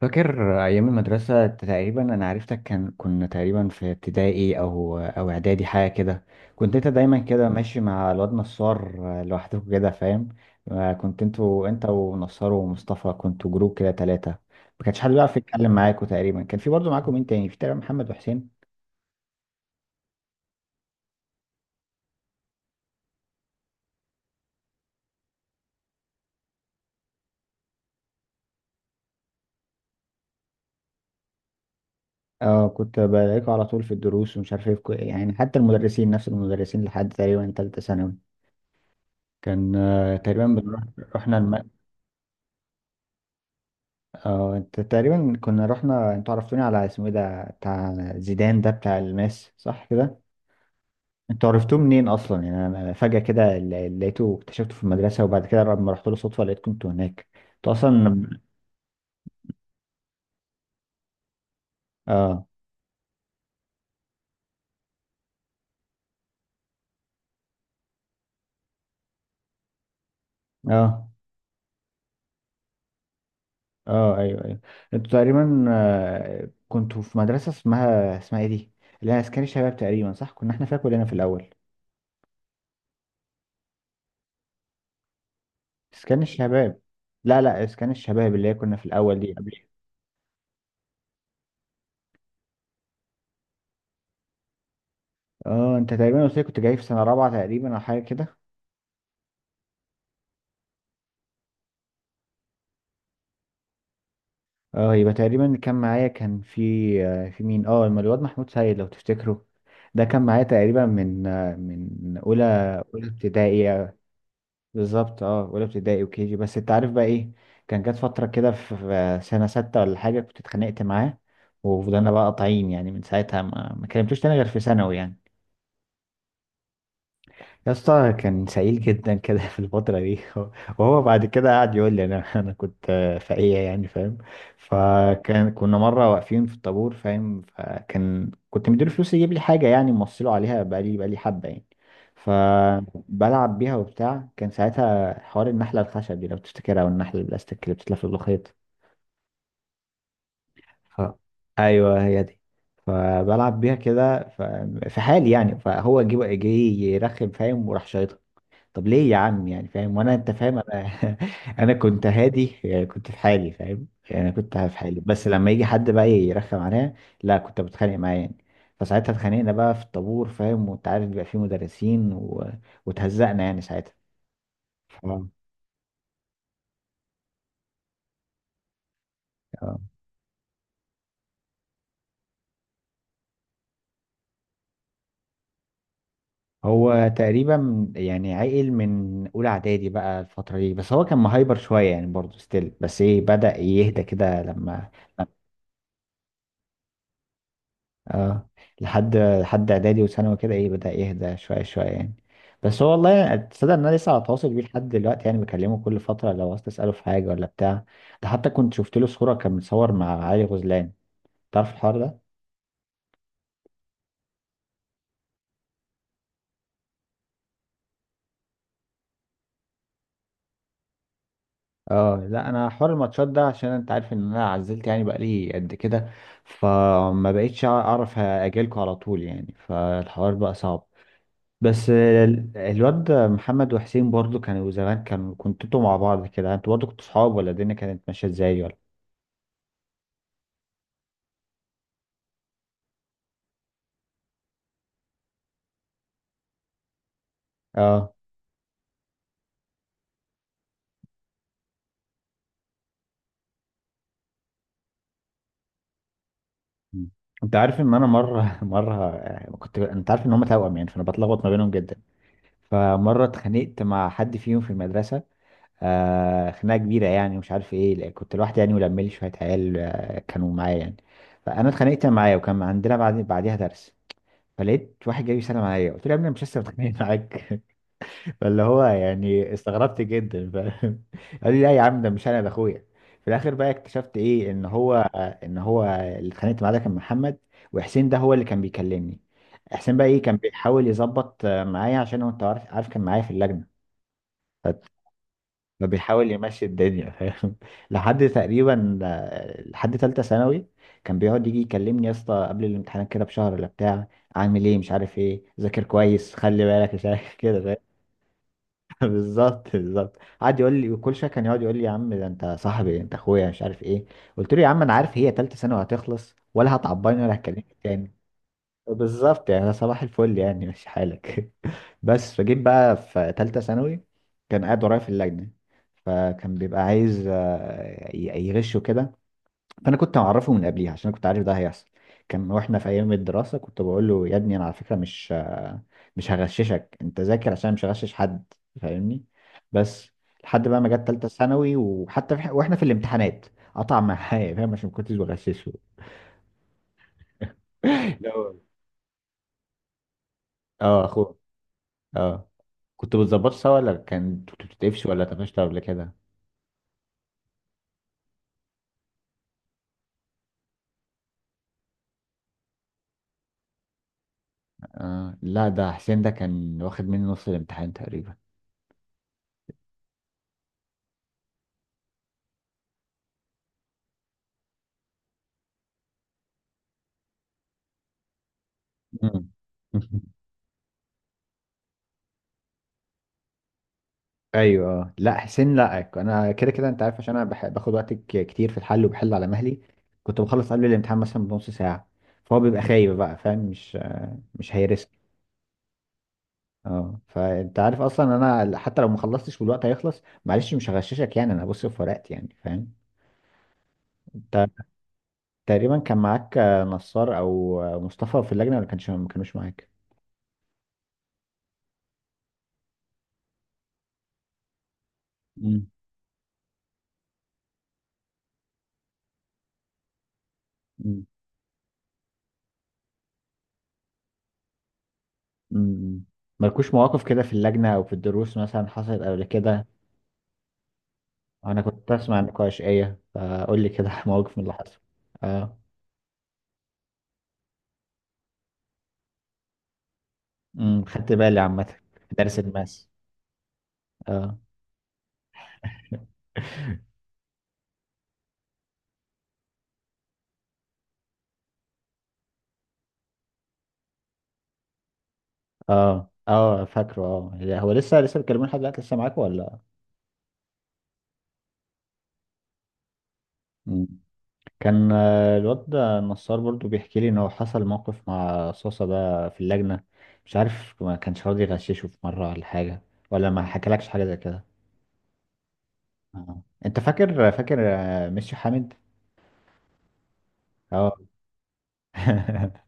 فاكر أيام المدرسة، تقريبا أنا عرفتك كان كنا تقريبا في ابتدائي أو إعدادي حاجة كده. كنت أنت دايما كده ماشي مع الواد نصار لوحدكم كده، فاهم؟ كنت أنتوا، أنت ونصار ومصطفى، كنتوا جروب كده تلاتة. ما كانش حد بيعرف يتكلم معاكوا تقريبا. كان في برضه معاكم مين تاني؟ في تقريبا محمد وحسين. اه، كنت بلاقيكوا على طول في الدروس، ومش عارف ايه في يعني حتى المدرسين نفس المدرسين لحد تقريبا تالتة ثانوي. كان تقريبا بنروح. رحنا. اه انت تقريبا كنا رحنا، انتوا عرفتوني على اسمه ايه ده بتاع زيدان ده، بتاع الماس صح كده؟ انتوا عرفتوه منين اصلا؟ يعني انا فجأة كده لقيته اكتشفته في المدرسة، وبعد كده لما رحت له صدفة لقيتكم انتوا هناك. انتوا اصلا. اه، اه، اه، ايوه، ايوه. انتوا تقريبا كنتوا في مدرسة اسمها اسمها ايه دي، اللي هي اسكان الشباب تقريبا صح؟ كنا احنا فيها كلنا في الاول. اسكان الشباب. لا لا، اسكان الشباب اللي هي كنا في الاول دي قبل. اه انت تقريبا قلت لي كنت جاي في سنة رابعة تقريبا او حاجة كده. اه يبقى تقريبا اللي كان معايا كان في في مين؟ اه الواد محمود سيد لو تفتكره، ده كان معايا تقريبا من من اولى. اولى ابتدائي بالظبط. اه، اولى ابتدائي وكي جي. بس انت عارف بقى ايه؟ كان جت فتره كده في سنه سته ولا حاجه كنت اتخانقت معاه، وفضلنا بقى قاطعين يعني من ساعتها ما كلمتوش تاني غير في ثانوي يعني. يا اسطى كان سعيد جدا كده في الفترة دي. وهو بعد كده قعد يقول لي انا انا كنت فقيه يعني، فاهم؟ فكان كنا مرة واقفين في الطابور، فاهم؟ فكان كنت مديله فلوس يجيب لي حاجة يعني، موصله عليها بقالي حبة يعني. فبلعب بيها وبتاع. كان ساعتها حوار النحلة الخشب دي لو تفتكرها، او النحلة البلاستيك اللي بتتلف في الخيط. ف... ايوه هي دي. فبلعب بيها كده في حالي يعني. فهو جه يرخم، فاهم؟ وراح شايطها. طب ليه يا عم يعني؟ فاهم؟ وانا، انت فاهم، انا انا كنت هادي يعني، كنت في حالي، فاهم يعني انا كنت في حالي، بس لما يجي حد بقى يرخم عليا لا كنت بتخانق معاه يعني. فساعتها اتخانقنا بقى في الطابور، فاهم؟ وانت عارف بيبقى فيه مدرسين وتهزقنا يعني ساعتها. اه. آه. هو تقريبا يعني عقل من اولى اعدادي بقى الفتره دي، بس هو كان مهايبر شويه يعني برضه ستيل، بس ايه بدأ يهدى كده لما. اه، لحد لحد اعدادي وثانوي كده ايه بدأ يهدى شوية شوية يعني. بس هو والله يعني تصدق ان انا لسه على تواصل بيه لحد دلوقتي يعني، بكلمه كل فترة لو عاوز تسأله في حاجة ولا بتاع. ده حتى كنت شفت له صورة كان متصور مع علي غزلان. تعرف الحوار ده؟ اه لا، انا حوار الماتشات ده عشان انت عارف ان انا عزلت يعني بقالي قد كده، فما بقيتش اعرف اجيلكوا على طول يعني، فالحوار بقى صعب. بس الواد محمد وحسين برضو كانوا زمان، كانوا كنتوا انتوا مع بعض كده؟ انتوا برضو كنتوا صحاب ولا الدنيا كانت ماشيه ازاي ولا؟ اه. مم. انت عارف ان انا مره مره كنت، انت عارف ان هم توأم يعني، فانا بتلخبط ما بينهم جدا. فمره اتخانقت مع حد فيهم في المدرسه، خناقه كبيره يعني مش عارف ايه، لا، كنت لوحدي يعني ولملي شويه عيال كانوا معايا يعني. فانا اتخانقت معايا، وكان عندنا بعد بعديها درس. فلقيت واحد جاي يسلم عليا، قلت له يا ابني أنا مش لسه متخانق معاك؟ فاللي هو يعني استغربت جدا، فاهم؟ قال لي لا يا عم ده مش انا، ده اخويا. في الاخر بقى اكتشفت ايه ان هو ان هو اللي اتخانقت معاه ده كان محمد، وحسين ده هو اللي كان بيكلمني. حسين بقى ايه كان بيحاول يظبط معايا، عشان هو انت عارف، عارف كان معايا في اللجنه. فبيحاول يمشي الدنيا، فاهم؟ لحد تقريبا لحد ثالثه ثانوي كان بيقعد يجي يكلمني يا اسطى قبل الامتحانات كده بشهر ولا بتاع، عامل ايه مش عارف ايه، ذاكر كويس خلي بالك مش عارف كده. بالظبط بالظبط، قعد يقول لي. وكل شويه كان يقعد يقول لي يا عم ده انت صاحبي انت اخويا مش عارف ايه. قلت له يا عم انا عارف هي تالتة ثانوي هتخلص، ولا هتعباني ولا هتكلمني تاني. بالظبط يعني أنا صباح الفل يعني ماشي حالك بس فجيت بقى في تالتة ثانوي، كان قاعد ورايا في اللجنه. فكان بيبقى عايز يغشه كده. فانا كنت معرفه من قبليها عشان أنا كنت عارف ده هيحصل. كان واحنا في ايام الدراسه كنت بقول له يا ابني انا على فكره مش هغششك، انت ذاكر عشان مش هغشش حد، فاهمني؟ بس لحد بقى ما جت تالته ثانوي، وحتى في واحنا في الامتحانات قطع معايا، فاهم؟ عشان ما كنتش بغششه. لا والله. اه اخوه. اه كنت بتظبط سوا ولا كان كنت بتتقفش ولا اتقفشت قبل كده؟ آه. لا ده حسين ده كان واخد مني نص الامتحان تقريبا. مم. ايوه. آه. لا حسين، لا انا كده كده انت عارف عشان انا باخد وقت كتير في الحل وبحل على مهلي. كنت بخلص قبل الامتحان مثلا بنص ساعه. فهو بيبقى خايب بقى، فاهم؟ مش مش هيرسك. اه، فانت عارف اصلا انا حتى لو ما خلصتش والوقت هيخلص معلش مش هغششك يعني، انا هبص في ورقتي يعني، فاهم؟ انت تقريبا كان معاك نصار او مصطفى في اللجنه ولا كانش؟ ما كانوش معاك. مم. مم. مم. مالكوش مواقف كده في اللجنه او في الدروس مثلا حصلت قبل كده؟ انا كنت اسمع النقاشية فقول لي كده مواقف من اللي حصل. اه. امم، خدت بالي عامة. في درس الماس. اه، اه، اه، فاكره. اه هو لسه لسه بيتكلمون لحد دلوقتي؟ لسه معاكوا ولا؟ مم. كان الواد ده النصار برضو بيحكي لي ان هو حصل موقف مع صوصة ده في اللجنة، مش عارف ما كانش راضي يغششه في مرة ولا حاجة، ولا ما حكالكش حاجة زي كده؟ اه انت فاكر فاكر ميسيو حامد؟ اه.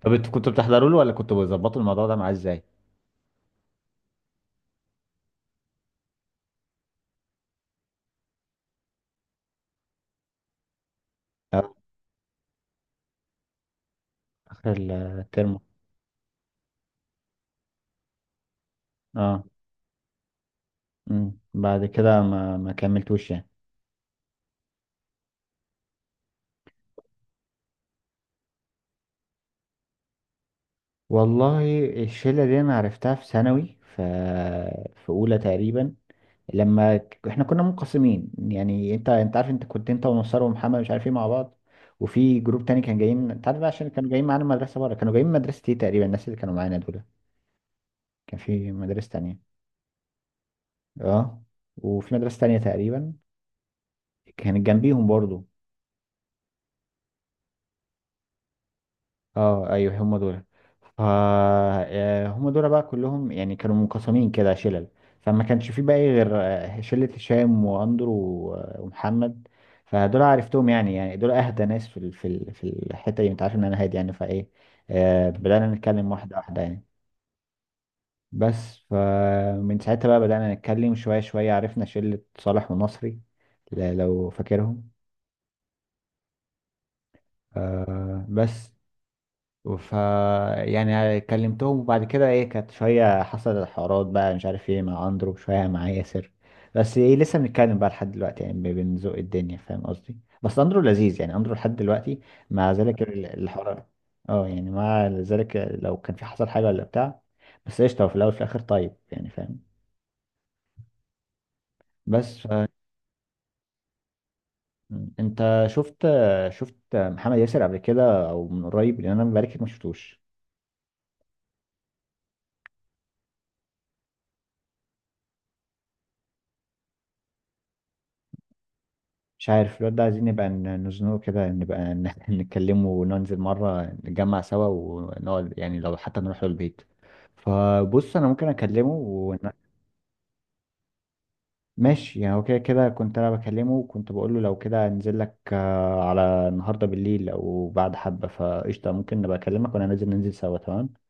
طب انتوا كنتوا بتحضروا له ولا كنتوا بتظبطوا الموضوع ده معاه ازاي؟ اخر الترم. اه. امم، بعد كده ما كملتوش يعني. والله الشله دي انا عرفتها في ثانوي، ف في اولى تقريبا. لما احنا كنا منقسمين يعني، انت عارف انت كنت انت ومسار ومحمد مش عارف ايه مع بعض. وفي جروب تاني كان جايين، انت عارف بقى عشان كانوا جايين معانا مدرسه بره، كانوا جايين من مدرسه ايه تقريبا الناس اللي كانوا معانا دول. كان في مدرسه تانية. اه. وفي مدرسه تانية تقريبا كانت جنبيهم برضو. اه ايوه هم دول. ف هم دول بقى كلهم يعني كانوا منقسمين كده شلل. فما كانش في بقى إيه غير شلة هشام واندرو ومحمد. فدول عرفتهم يعني، يعني دول اهدى ناس في الحتة دي، انت عارف ان انا هادي يعني، فايه بدأنا نتكلم واحدة واحدة يعني. بس فمن ساعتها بقى بدأنا نتكلم شوية شوية، عرفنا شلة صالح ونصري لو فاكرهم بس ف يعني كلمتهم. وبعد كده ايه كانت شوية حصلت حوارات بقى مش عارف ايه مع اندرو، شوية مع ياسر. بس ايه لسه بنتكلم بقى لحد دلوقتي يعني، بنزق الدنيا، فاهم قصدي؟ بس اندرو لذيذ يعني، اندرو لحد دلوقتي مع ذلك الحوار. اه يعني مع ذلك لو كان في حصل حاجة ولا بتاع، بس قشطة هو في الأول وفي الآخر طيب يعني، فاهم؟ بس انت شفت شفت محمد ياسر قبل كده او من قريب، لان انا بقالي كتير ما شفتوش. مش عارف الواد ده عايزين نبقى نزنقه كده، نبقى نتكلمه، وننزل مرة نتجمع سوا ونقعد يعني، لو حتى نروح له البيت. فبص انا ممكن اكلمه ماشي. يعني هو كده كده كنت انا بكلمه، وكنت بقول له لو كده انزل لك على النهارده بالليل او بعد حبة، فقشطة ممكن نبقى اكلمك وانا نازل، ننزل سوا تمام.